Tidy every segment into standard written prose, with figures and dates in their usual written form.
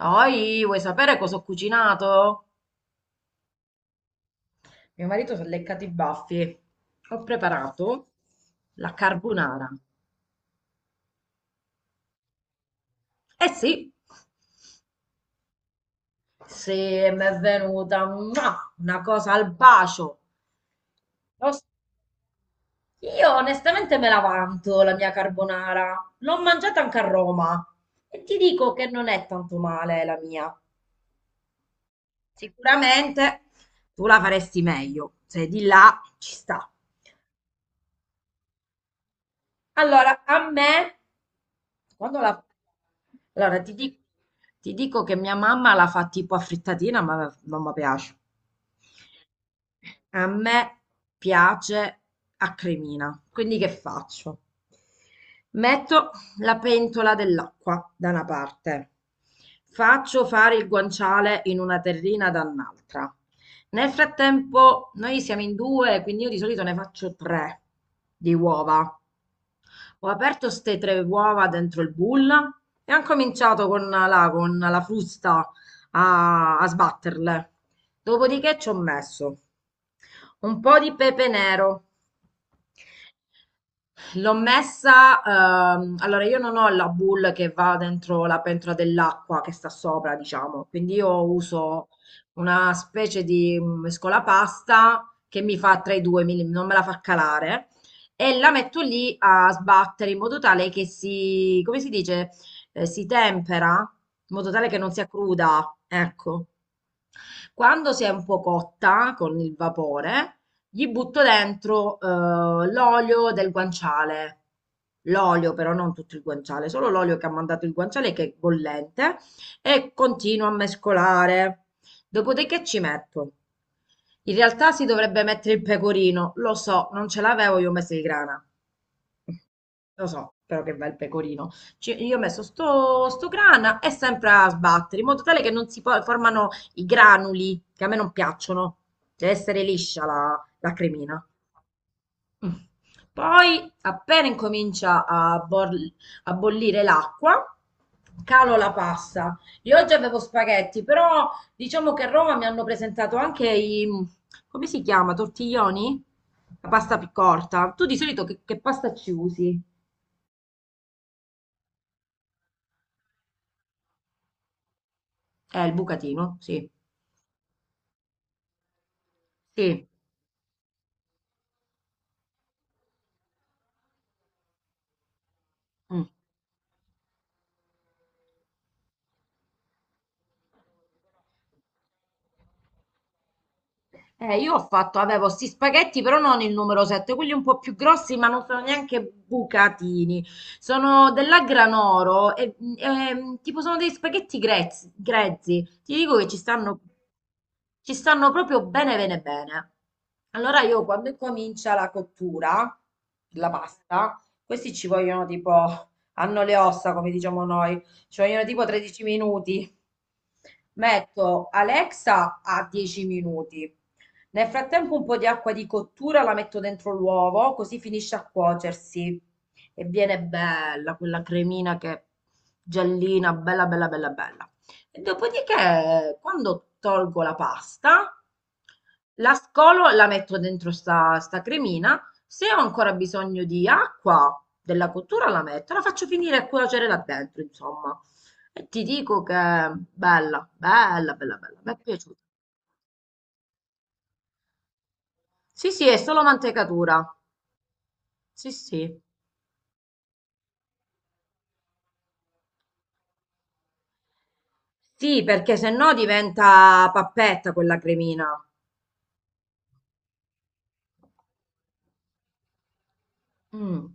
Poi, vuoi sapere cosa ho cucinato? Mio marito si è leccato i baffi. Ho preparato la carbonara. Eh sì, se mi è venuta una cosa al bacio. Lo- s- Io onestamente me la vanto la mia carbonara. L'ho mangiata anche a Roma e ti dico che non è tanto male la mia. Sicuramente tu la faresti meglio. Se di là ci sta. Allora, a me, quando la... Allora, ti dico che mia mamma la fa tipo a frittatina, ma non mi piace. A me piace a cremina, quindi che faccio? Metto la pentola dell'acqua da una parte, faccio fare il guanciale in una terrina da un'altra. Nel frattempo, noi siamo in due, quindi io di solito ne faccio tre di uova. Ho aperto ste tre uova dentro il bowl e han cominciato con la frusta a sbatterle. Dopodiché ci ho messo un po' di pepe nero. L'ho messa, allora io non ho la bowl che va dentro la pentola dell'acqua che sta sopra, diciamo, quindi io uso una specie di mescolapasta che mi fa tra i due, non me la fa calare, e la metto lì a sbattere in modo tale che si, come si dice, si tempera, in modo tale che non sia cruda, ecco. Quando si è un po' cotta con il vapore, gli butto dentro l'olio del guanciale. L'olio, però non tutto il guanciale, solo l'olio che ha mandato il guanciale che è bollente e continuo a mescolare. Dopodiché ci metto. In realtà si dovrebbe mettere il pecorino, lo so, non ce l'avevo, io ho messo il grana. Lo so, però che bel pecorino. Io ho messo sto grana e sempre a sbattere, in modo tale che non formano i granuli, che a me non piacciono. Deve essere liscia la cremina. Mm. Poi, appena incomincia a bollire l'acqua, calo la pasta. Io oggi avevo spaghetti, però diciamo che a Roma mi hanno presentato anche i, come si chiama, tortiglioni? La pasta più corta. Tu di solito che pasta ci usi? Il bucatino, sì. Sì, mh. Io ho fatto, avevo sti spaghetti, però non il numero 7, quelli un po' più grossi, ma non sono neanche bucatini. Sono della Granoro, tipo sono dei spaghetti grezzi, grezzi. Ti dico che ci stanno proprio bene, bene, bene. Allora io quando incomincia la cottura, la pasta, questi ci vogliono tipo, hanno le ossa, come diciamo noi, ci vogliono tipo 13 minuti. Metto Alexa a 10 minuti. Nel frattempo un po' di acqua di cottura la metto dentro l'uovo, così finisce a cuocersi e viene bella quella cremina che giallina, bella bella bella bella. E dopodiché, quando tolgo la pasta, la scolo, la metto dentro sta cremina. Se ho ancora bisogno di acqua della cottura, la metto, la faccio finire a cuocere là dentro, insomma. E ti dico che bella, bella, bella, bella, mi è piaciuta. Sì, sì, è solo mantecatura. Sì, sì. Sì, perché se no diventa pappetta quella cremina. Mm,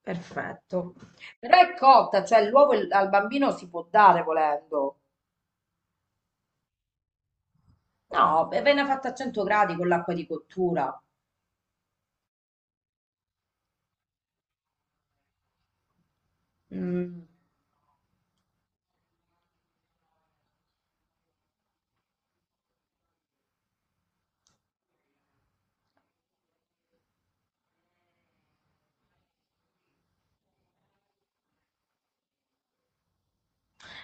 perfetto. Però è cotta, cioè l'uovo al bambino si può dare volendo. No, beh, viene fatta a 100 gradi con l'acqua di cottura. Mm.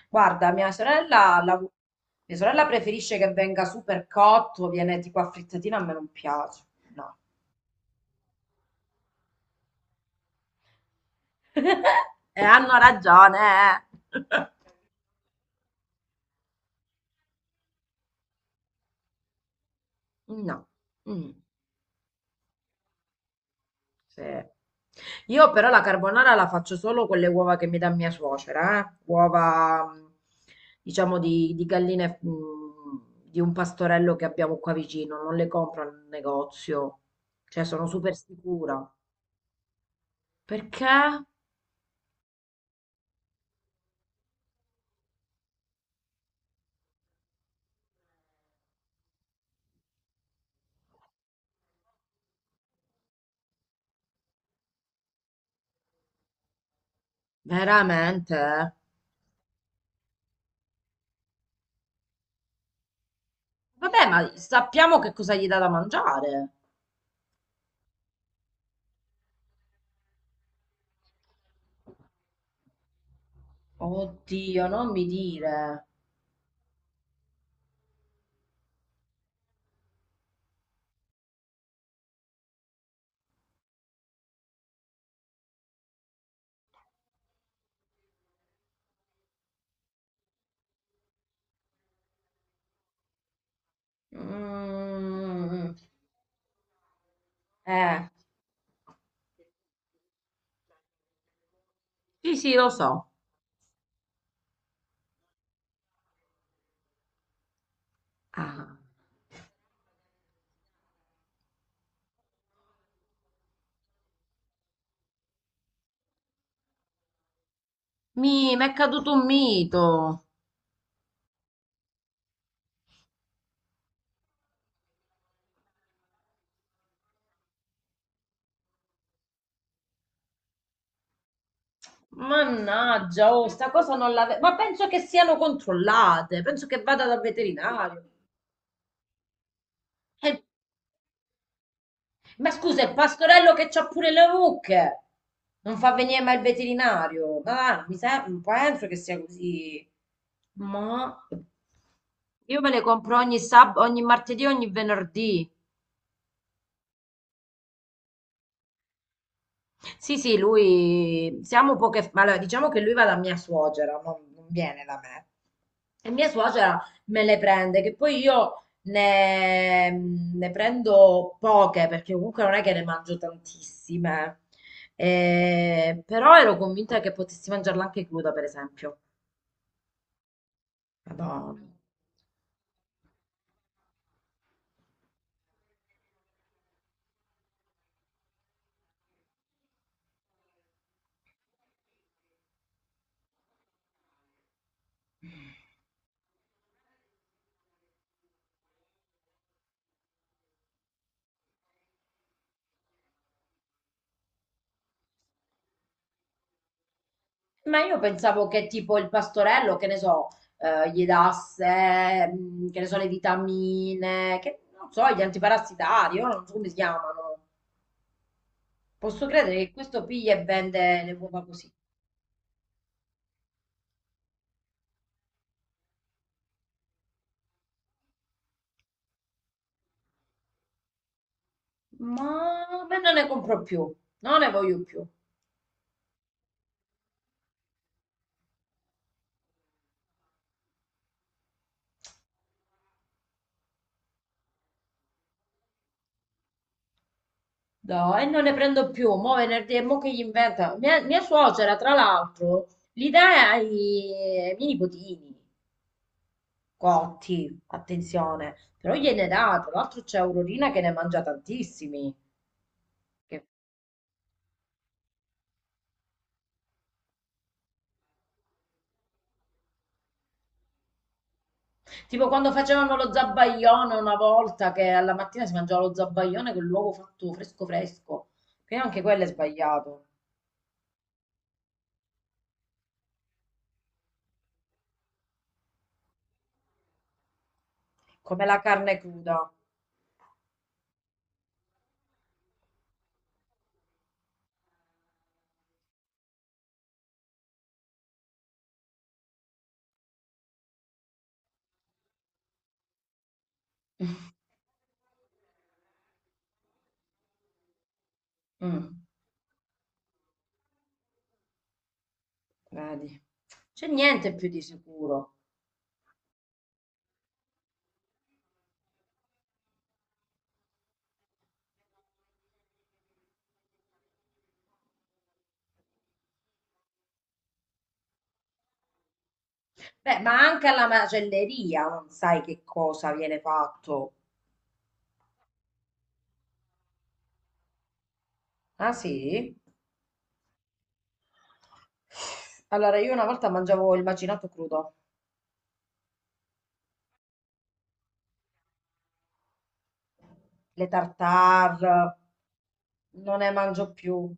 Guarda, mia sorella, mia sorella preferisce che venga super cotto, viene tipo a frittatina, a me non piace. No. E hanno ragione. Eh. No. Mm. Sì. Io però la carbonara la faccio solo con le uova che mi dà mia suocera, eh. Uova, diciamo, di galline, di un pastorello che abbiamo qua vicino, non le compro al negozio, cioè sono super sicura. Perché? Veramente? Eh. Vabbè, ma sappiamo che cosa gli dà da mangiare. Oddio, non mi dire. Mm, eh, sì, sì, lo so. Ah. Mi è caduto un mito. Mannaggia, oh, sta cosa non l'avevo. Ma penso che siano controllate, penso che vada dal veterinario. Eh, ma scusa, il pastorello che c'ha pure le mucche. Non fa venire mai il veterinario. Ma va, penso che sia così. Ma io me le compro ogni martedì, ogni venerdì. Sì, sì, lui siamo poche, allora, diciamo che lui va da mia suocera, non viene da me. E mia suocera me le prende, che poi io ne prendo poche, perché comunque non è che ne mangio tantissime. Però ero convinta che potessi mangiarla anche cruda, per esempio. Madonna. Ma io pensavo che tipo il pastorello, che ne so, gli dasse, che ne so, le vitamine, che non so, gli antiparassitari, io non so come si chiamano. Posso credere che questo piglia e vende le uova così. Ma non ne compro più, non ne voglio più. No, e non ne prendo più. Mo' venerdì, e mo' che gli inventa. Mia suocera, tra l'altro, li dà ai miei nipotini cotti, attenzione. Però gliene dà, tra l'altro c'è Aurorina che ne mangia tantissimi. Che- Tipo quando facevano lo zabbaglione una volta che alla mattina si mangiava lo zabbaglione con l'uovo fatto fresco fresco, che anche quello è sbagliato, come la carne cruda. Mm, vedi. C'è niente più di sicuro. Beh, ma anche alla macelleria non sai che cosa viene fatto. Ah sì? Allora, io una volta mangiavo il macinato crudo, le tartare, non ne mangio più.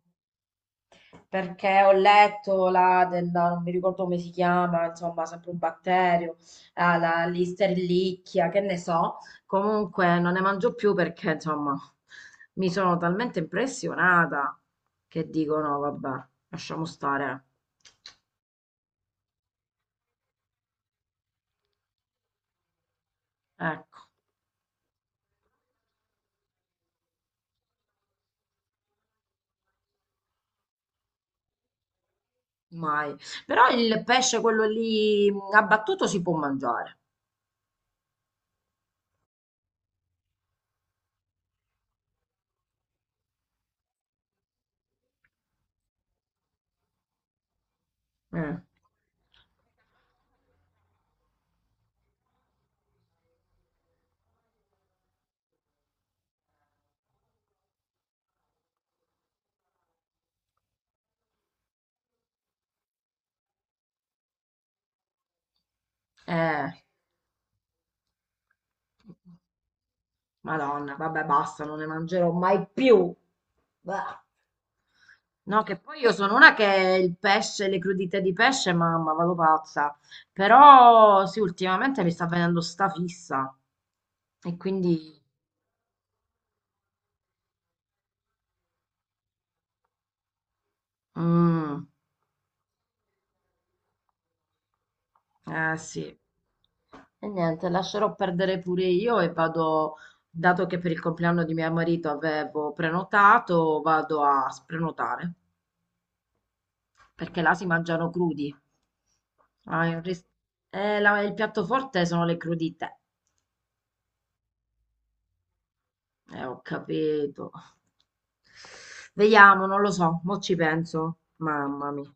Perché ho letto la della non mi ricordo come si chiama, insomma, sempre un batterio, ah, la listerlicchia, che ne so. Comunque non ne mangio più perché, insomma, mi sono talmente impressionata che dico no, vabbè, lasciamo stare. Ecco, mai. Però il pesce, quello lì abbattuto, si può mangiare. Mm. Eh, Madonna, vabbè, basta, non ne mangerò mai più. Bah. No, che poi io sono una che il pesce, le crudite di pesce, mamma, vado pazza. Però sì, ultimamente mi sta venendo sta fissa. E quindi... mm, eh sì. E niente, lascerò perdere pure io e vado, dato che per il compleanno di mio marito avevo prenotato, vado a sprenotare, perché là si mangiano crudi. Ah, il ris- il piatto forte sono le crudite. Ho capito. Vediamo, non lo so, mo ci penso. Mamma mia,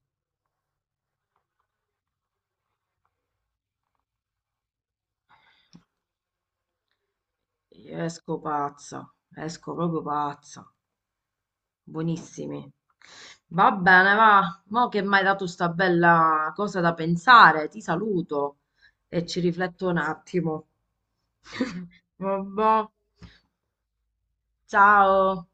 io esco pazza, esco proprio pazza. Buonissimi. Va bene, va. Mo che mi hai dato sta bella cosa da pensare, ti saluto e ci rifletto un attimo. Vabbè. Ciao.